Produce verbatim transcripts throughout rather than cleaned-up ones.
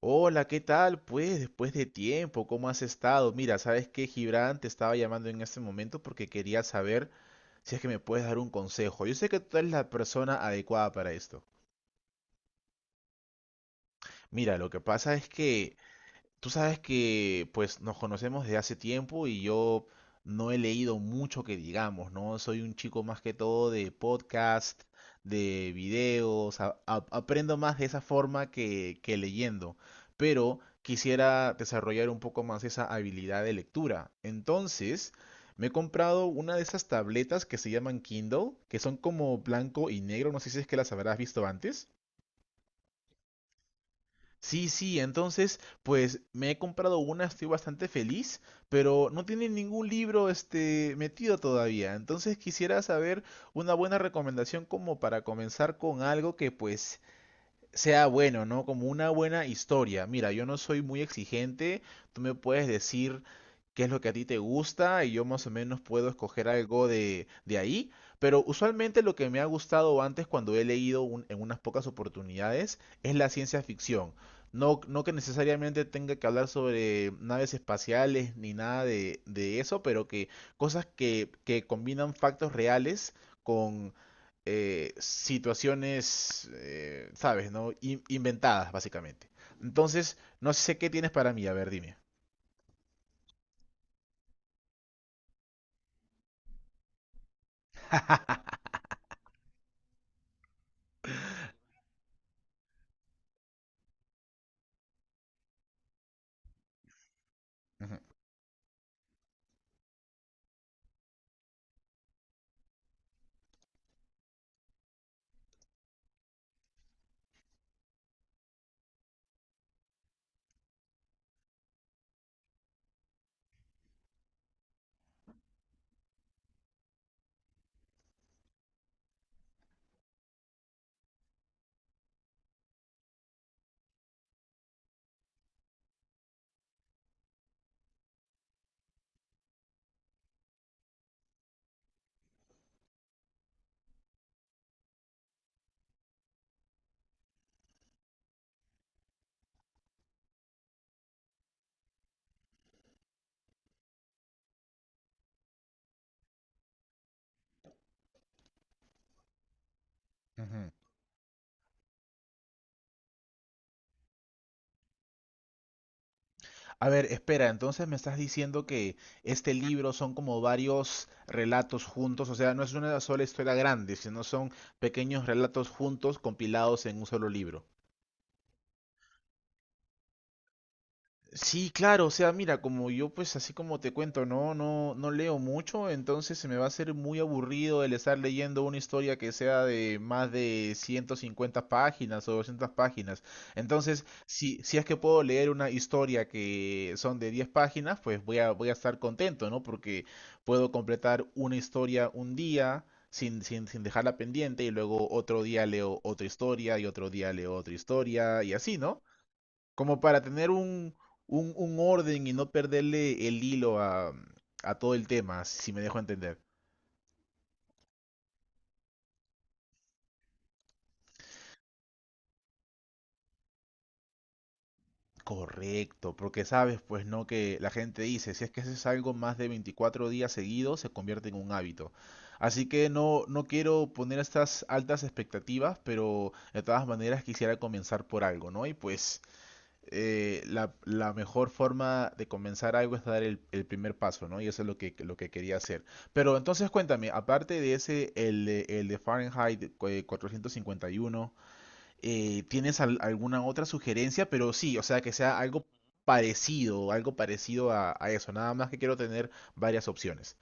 Hola, ¿qué tal? Pues después de tiempo, ¿cómo has estado? Mira, ¿sabes qué, Gibran? Te estaba llamando en este momento porque quería saber si es que me puedes dar un consejo. Yo sé que tú eres la persona adecuada para esto. Mira, lo que pasa es que Tú sabes que pues nos conocemos desde hace tiempo y yo no he leído mucho que digamos, ¿no? Soy un chico más que todo de podcast, de videos, a- a- aprendo más de esa forma que, que leyendo, pero quisiera desarrollar un poco más esa habilidad de lectura. Entonces, me he comprado una de esas tabletas que se llaman Kindle, que son como blanco y negro, no sé si es que las habrás visto antes. Sí, sí, entonces, pues me he comprado una, estoy bastante feliz, pero no tiene ningún libro este metido todavía. Entonces quisiera saber una buena recomendación como para comenzar con algo que pues sea bueno, ¿no? Como una buena historia. Mira, yo no soy muy exigente, tú me puedes decir qué es lo que a ti te gusta y yo más o menos puedo escoger algo de, de ahí. Pero usualmente lo que me ha gustado antes cuando he leído un- en unas pocas oportunidades es la ciencia ficción. No, no que necesariamente tenga que hablar sobre naves espaciales ni nada de, de eso, pero que cosas que, que combinan factos reales, eh, situaciones, eh, ¿sabes? ¿No? In- inventadas, básicamente. Entonces, no sé qué tienes para mí. A ver, dime. Ujú, ujú. A ver, espera, entonces me estás diciendo que este libro son como varios relatos juntos, o sea, no es una sola historia grande, sino son pequeños relatos juntos compilados en un solo libro. Sí, claro, o sea, mira, como yo pues así como te cuento, no, no, no leo mucho, entonces se me va a hacer muy aburrido el estar leyendo una historia que sea de más de ciento cincuenta páginas o doscientas páginas. Entonces, si, si es que puedo leer una historia que son de diez páginas, pues voy a, voy a estar contento, ¿no? Porque puedo completar una historia un día sin, sin, sin dejarla pendiente y luego otro día leo otra historia y otro día leo otra historia y así, ¿no? Como para tener un, un, un orden y no perderle el hilo a, a todo el tema, si me dejo entender. Correcto, porque sabes, pues no, que la gente dice, si es que haces algo más de veinticuatro días seguidos, se convierte en un hábito. Así que no, no quiero poner estas altas expectativas, pero de todas maneras quisiera comenzar por algo, ¿no? Y pues eh, la, la mejor forma de comenzar algo es dar el, el primer paso, ¿no? Y eso es lo que, lo que quería hacer. Pero entonces cuéntame, aparte de ese, el, de- el de Fahrenheit eh, cuatrocientos cincuenta y uno, eh, ¿tienes al- alguna otra sugerencia? Pero sí, o sea, que sea algo parecido, algo parecido a, a eso. Nada más que quiero tener varias opciones.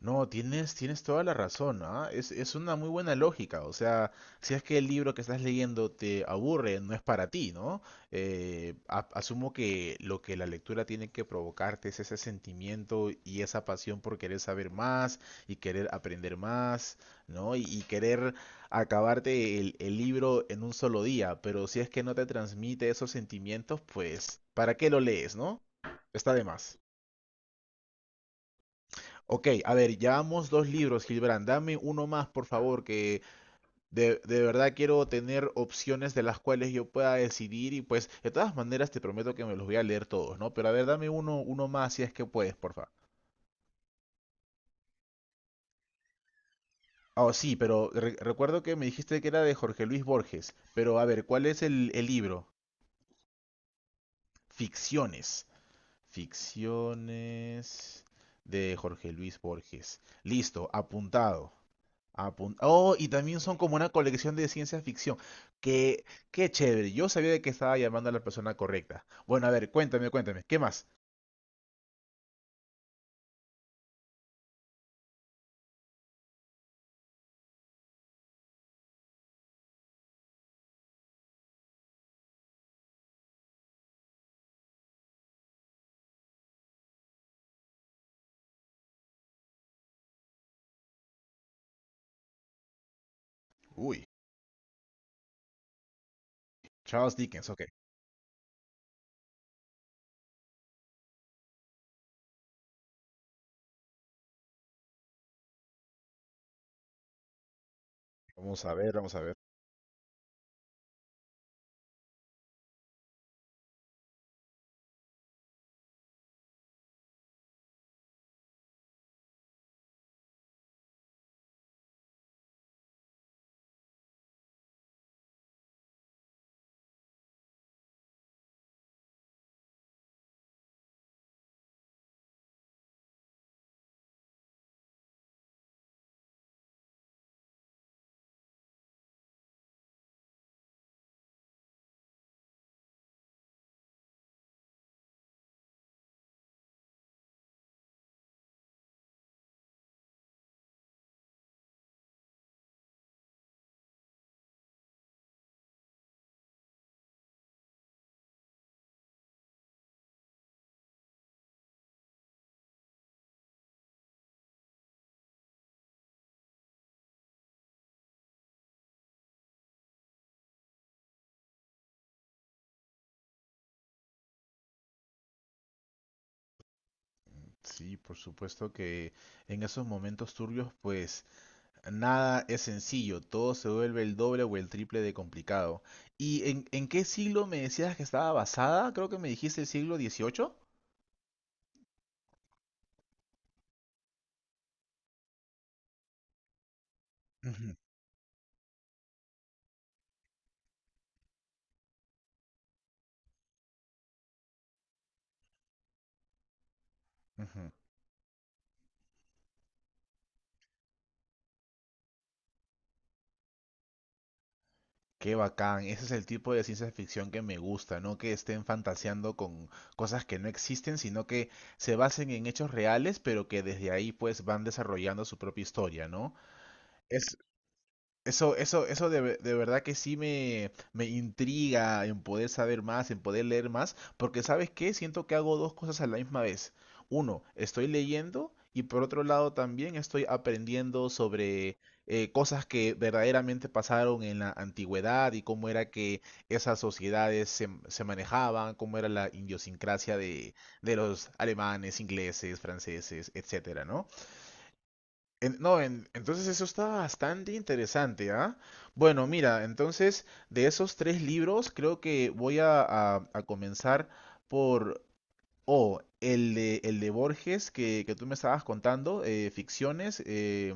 No, tienes, tienes toda la razón, ¿ah? Es, es una muy buena lógica. O sea, si es que el libro que estás leyendo te aburre, no es para ti, ¿no? Eh, a- asumo que lo que la lectura tiene que provocarte es ese sentimiento y esa pasión por querer saber más y querer aprender más, ¿no? Y, y querer acabarte el, el libro en un solo día. Pero si es que no te transmite esos sentimientos, pues, ¿para qué lo lees, no? Está de más. Ok, a ver, llevamos dos libros, Gilbrand. Dame uno más, por favor, que de, de verdad quiero tener opciones de las cuales yo pueda decidir y pues de todas maneras te prometo que me los voy a leer todos, ¿no? Pero a ver, dame uno, uno más si es que puedes, por favor. Ah, sí, pero re- recuerdo que me dijiste que era de Jorge Luis Borges, pero a ver, ¿cuál es el, el libro? Ficciones. Ficciones de Jorge Luis Borges. Listo, apuntado. Apun- Oh, y también son como una colección de ciencia ficción. Qué, qué chévere. Yo sabía de que estaba llamando a la persona correcta. Bueno, a ver, cuéntame, cuéntame. ¿Qué más? Uy, Charles Dickens, ok. Vamos a ver, vamos a ver. Sí, por supuesto que en esos momentos turbios, pues nada es sencillo. Todo se vuelve el doble o el triple de complicado. ¿Y en, en qué siglo me decías que estaba basada? Creo que me dijiste el siglo dieciocho. Ujú, ujú. Qué bacán, ese es el tipo de ciencia ficción que me gusta, no que estén fantaseando con cosas que no existen, sino que se basen en hechos reales, pero que desde ahí pues van desarrollando su propia historia, ¿no? Eso, eso, eso de, ve- de verdad que sí me, me intriga en poder saber más, en poder leer más, porque ¿sabes qué? Siento que hago dos cosas a la misma vez. Uno, estoy leyendo y por otro lado también estoy aprendiendo sobre eh, cosas que verdaderamente pasaron en la antigüedad y cómo era que esas sociedades se, se manejaban, cómo era la idiosincrasia de, de los alemanes, ingleses, franceses, etcétera, ¿no? En- no, en- entonces eso está bastante interesante, ¿ah? Bueno, mira, entonces de esos tres libros creo que voy a, a- a comenzar por, o el de, el de Borges que, que tú me estabas contando, eh, Ficciones, eh,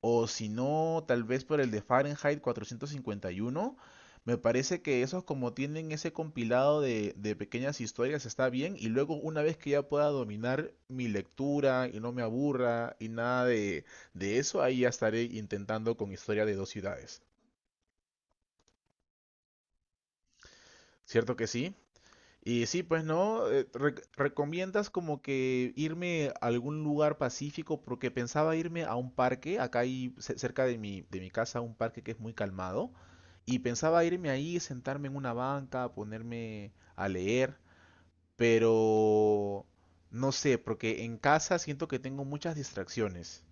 o si no, tal vez por el de Fahrenheit cuatrocientos cincuenta y uno. Me parece que esos como tienen ese compilado de, de pequeñas historias está bien y luego una vez que ya pueda dominar mi lectura y no me aburra y nada de, de eso, ahí ya estaré intentando con historia de dos ciudades. ¿Cierto que sí? Y sí, pues no, Eh, re- ¿recomiendas como que irme a algún lugar pacífico? Porque pensaba irme a un parque, acá hay ce- cerca de mi, de mi casa un parque que es muy calmado. Y pensaba irme ahí, sentarme en una banca, ponerme a leer, pero no sé, porque en casa siento que tengo muchas distracciones.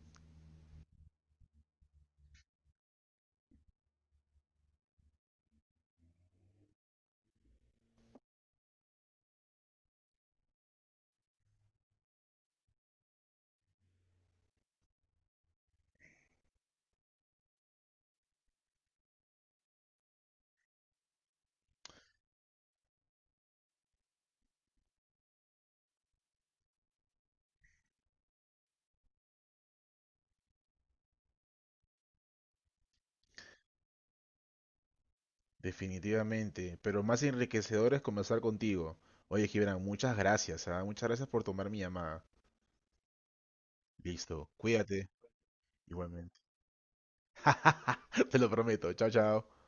Definitivamente, pero más enriquecedor es conversar contigo. Oye, Gibran, muchas gracias, ¿ah? Muchas gracias por tomar mi llamada. Listo, cuídate, igualmente. Te lo prometo, chao, chao.